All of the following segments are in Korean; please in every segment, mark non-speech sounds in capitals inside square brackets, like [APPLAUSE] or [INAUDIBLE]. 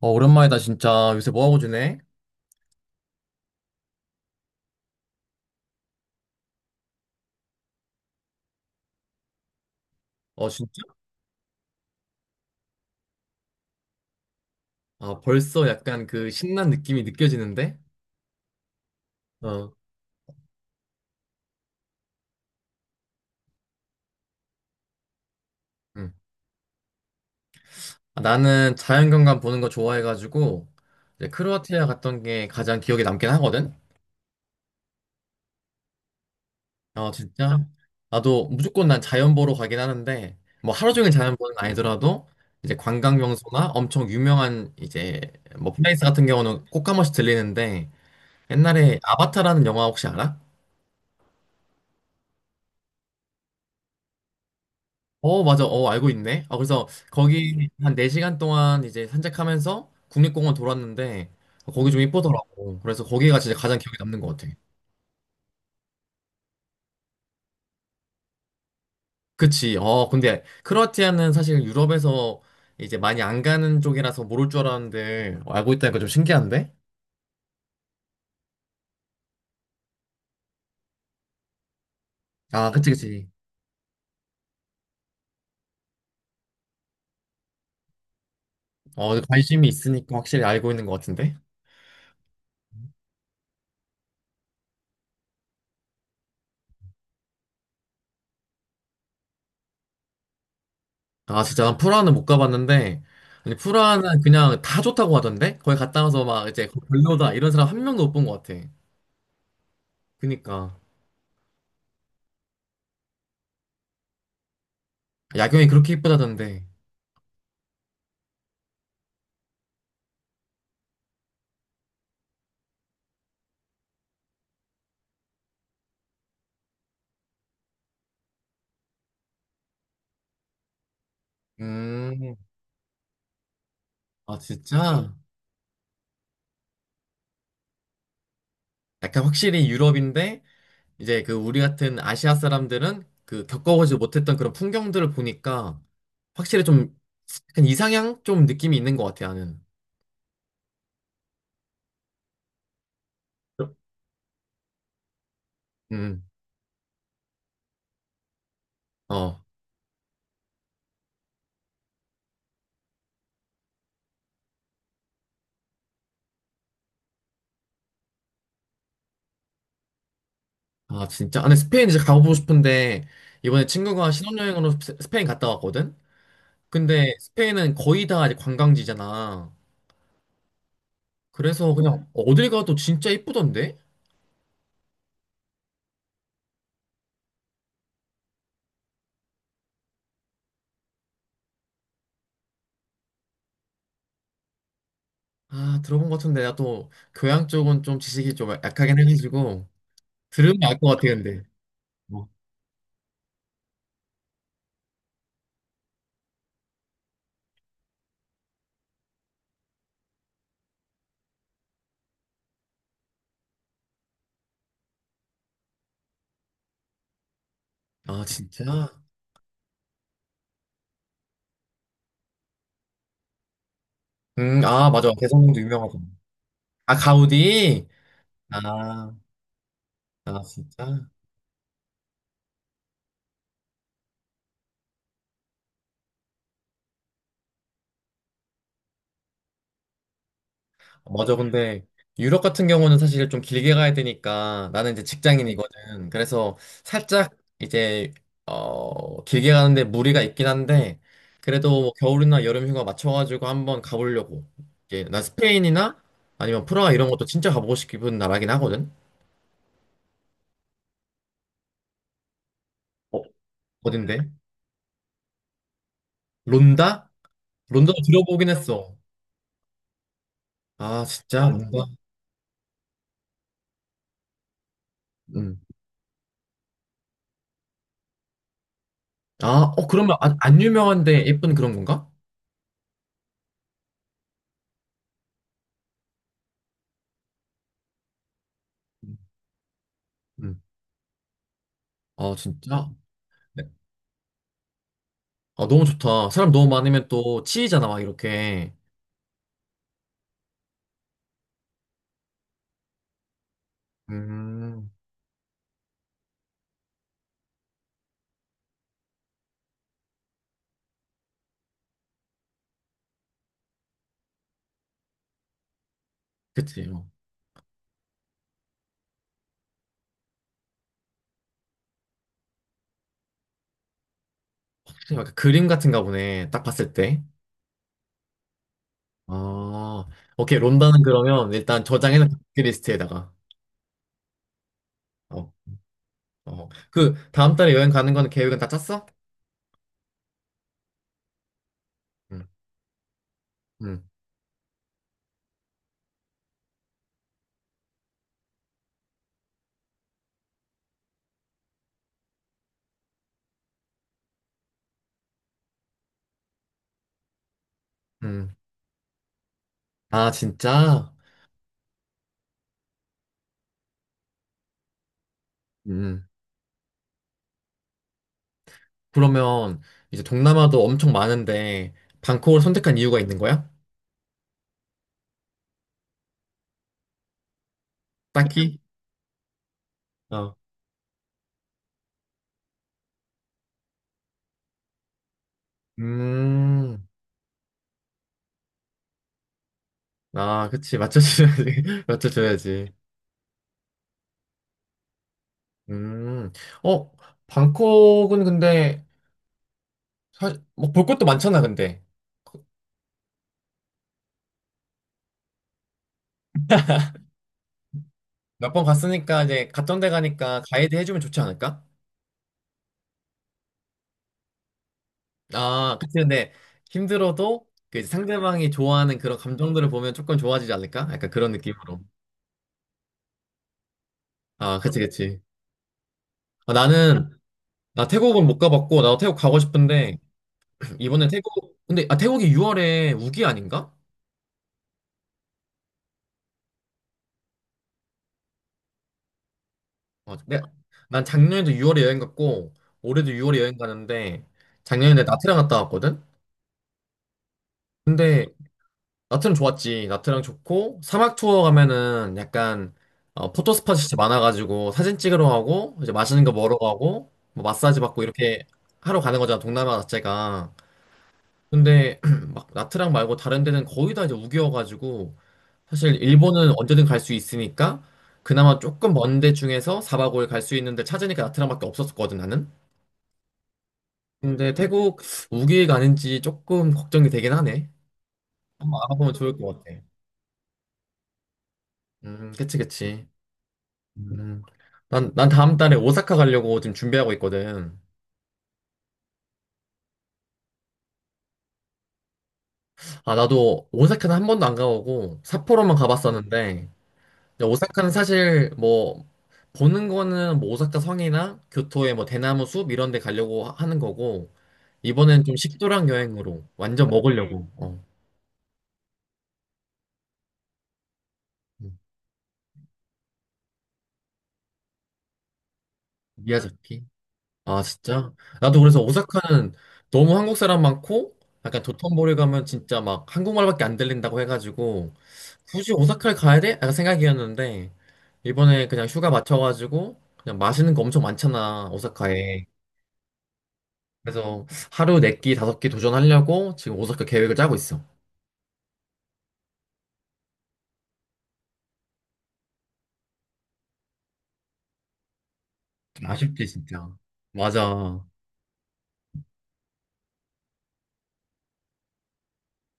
어, 오랜만이다, 진짜. 요새 뭐하고 지내? 어, 진짜? 아, 벌써 약간 그 신난 느낌이 느껴지는데? 어, 응. 아, 나는 자연경관 보는 거 좋아해가지고, 이제 크로아티아 갔던 게 가장 기억에 남긴 하거든? 어, 진짜? 나도 무조건 난 자연 보러 가긴 하는데, 뭐 하루 종일 자연 보는 건 아니더라도, 이제 관광 명소나 엄청 유명한 이제, 뭐 플레이스 같은 경우는 꼭 한 번씩 들리는데, 옛날에 아바타라는 영화 혹시 알아? 어, 맞아. 어, 알고 있네. 아, 그래서 거기 한 4시간 동안 이제 산책하면서 국립공원 돌았는데 거기 좀 이쁘더라고. 그래서 거기가 진짜 가장 기억에 남는 것 같아. 그치. 어, 근데 크로아티아는 사실 유럽에서 이제 많이 안 가는 쪽이라서 모를 줄 알았는데 어, 알고 있다니까 좀 신기한데? 아, 그치, 그치. 어, 관심이 있으니까 확실히 알고 있는 것 같은데? 아, 진짜 난 프라하는 못 가봤는데 아니, 프라하는 그냥 다 좋다고 하던데? 거기 갔다 와서 막 이제 별로다 이런 사람 한 명도 못 본 것 같아. 그니까. 야경이 그렇게 이쁘다던데. 음, 아, 진짜? 약간 확실히 유럽인데, 이제 그 우리 같은 아시아 사람들은 그 겪어보지 못했던 그런 풍경들을 보니까 확실히 좀 약간 이상향? 좀 느낌이 있는 것 같아, 나는. 음, 어. 아, 진짜. 아, 근데 스페인 이제 가보고 싶은데, 이번에 친구가 신혼여행으로 스페인 갔다 왔거든? 근데 스페인은 거의 다 이제 관광지잖아. 그래서 그냥 어딜 가도 진짜 이쁘던데? 아, 들어본 것 같은데, 나 또 교양 쪽은 좀 지식이 좀 약하긴 해가지고, 들으면 알 것 같아, 근데. 뭐. 아, 진짜? 아, 맞아. 대성공도 유명하잖아. 아, 가우디? 아, 아, 진짜? 맞아. 근데 유럽 같은 경우는 사실 좀 길게 가야 되니까 나는 이제 직장인이거든. 그래서 살짝 이제 어 길게 가는데 무리가 있긴 한데 그래도 뭐 겨울이나 여름 휴가 맞춰가지고 한번 가보려고. 이게 나 스페인이나 아니면 프라하 이런 것도 진짜 가보고 싶은 나라긴 하거든. 어, 어딘데? 론다? 론다도 들어보긴 했어. 아 진짜 론다. 음. 아, 어 그러면 안, 안 유명한데 예쁜 그런 건가? 음. 아 진짜? 아, 너무 좋다. 사람 너무 많으면 또 치이잖아, 막 이렇게. 음, 그치. 어. 약간 그림 같은가 보네. 딱 봤을 때. 아, 오케이. 론다는 그러면 일단 저장해놓은 리스트에다가. 어, 어. 그, 다음 달에 여행 가는 거는 계획은 다 짰어? 응, 응, 응. 아, 진짜? 음. 그러면 이제 동남아도 엄청 많은데, 방콕을 선택한 이유가 있는 거야? 딱히? 어. 음. 아, 그치. 맞춰줘야지. [LAUGHS] 맞춰줘야지. 음, 어, 방콕은 근데, 뭐볼 것도 많잖아, 근데. 몇 번 갔으니까 이제 갔던 데 가니까 가이드 해주면 좋지 않을까? 아, 그치, 근데 힘들어도 그 이제 상대방이 좋아하는 그런 감정들을 보면 조금 좋아지지 않을까? 약간 그런 느낌으로. 아, 그치, 그치. 아, 나는, 나 태국은 못 가봤고, 나도 태국 가고 싶은데, [CLEARS THROAT] 이번에 태국, 근데, 아, 태국이 6월에 우기 아닌가? 어, 내, 난 작년에도 6월에 여행 갔고, 올해도 6월에 여행 가는데, 작년에 나트랑 갔다 왔거든? 근데 나트랑 좋았지. 나트랑 좋고 사막 투어 가면은 약간 어, 포토 스팟이 진짜 많아가지고 사진 찍으러 가고 이제 맛있는 거 먹으러 가고 뭐 마사지 받고 이렇게 하러 가는 거잖아. 동남아 자체가. 근데 [CLEARS THROAT] 막 나트랑 말고 다른 데는 거의 다 이제 우기여가지고 사실 일본은 언제든 갈 수 있으니까 그나마 조금 먼 데 중에서 사박 5일 갈 수 있는데 찾으니까 나트랑밖에 없었거든 나는. 근데 태국 우기가 아닌지 조금 걱정이 되긴 하네. 한번 알아보면 좋을 것 같아. 그치, 그치. 음. 난 다음 달에 오사카 가려고 지금 준비하고 있거든. 아, 나도 오사카는 한 번도 안 가보고 삿포로만 가봤었는데, 근데 오사카는 사실 뭐, 보는 거는 뭐 오사카 성이나 교토의 뭐 대나무 숲 이런 데 가려고 하는 거고, 이번엔 좀 식도락 여행으로 완전 먹으려고, 어, 음, 미야자키. 아, 진짜? 나도 그래서 오사카는 너무 한국 사람 많고, 약간 도톤보리 가면 진짜 막 한국말밖에 안 들린다고 해가지고, 굳이 오사카를 가야 돼? 약간 생각이었는데, 이번에 그냥 휴가 맞춰가지고, 그냥 맛있는 거 엄청 많잖아, 오사카에. 그래서 하루 네 끼, 다섯 끼 도전하려고 지금 오사카 계획을 짜고 있어. 좀 아쉽지, 진짜. 맞아.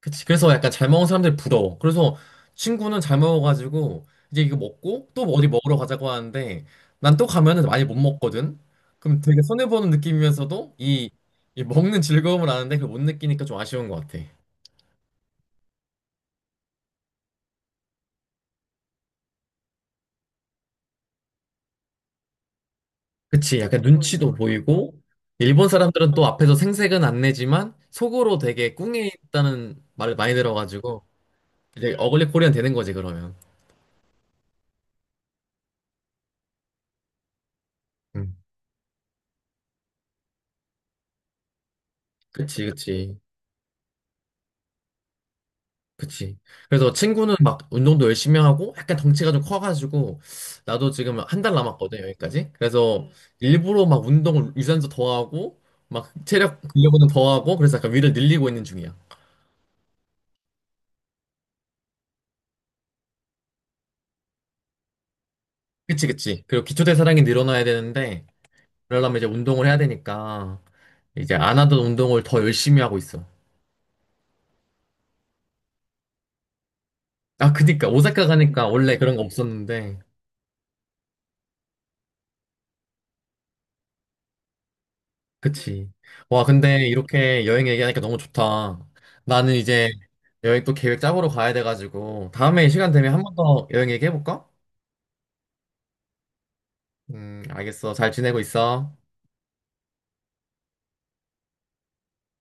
그치. 그래서 약간 잘 먹은 사람들 부러워. 그래서 친구는 잘 먹어가지고 이제 이거 먹고 또 어디 먹으러 가자고 하는데 난 또 가면은 많이 못 먹거든. 그럼 되게 손해보는 느낌이면서도 이 먹는 즐거움을 아는데 그걸 못 느끼니까 좀 아쉬운 것 같아. 그치. 약간 눈치도 보이고 일본 사람들은 또 앞에서 생색은 안 내지만 속으로 되게 꿍해 있다는 말을 많이 들어가지고 이제 어글리 코리안 되는 거지 그러면. 음. 그치, 그치. 그치. 그래서 친구는 막 운동도 열심히 하고 약간 덩치가 좀 커가지고 나도 지금 한 달 남았거든, 여기까지. 그래서 일부러 막 운동을 유산소 더 하고 막 체력 근력은 더 하고 그래서 약간 위를 늘리고 있는 중이야. 그치, 그치. 그리고 기초대사량이 늘어나야 되는데 그러려면 이제 운동을 해야 되니까 이제 안 하던 운동을 더 열심히 하고 있어. 아, 그니까 오사카 가니까 원래 그런 거 없었는데 그치. 와, 근데 이렇게 여행 얘기하니까 너무 좋다. 나는 이제 여행 또 계획 짜보러 가야 돼가지고, 다음에 시간 되면 한 번 더 여행 얘기해볼까? 알겠어. 잘 지내고 있어.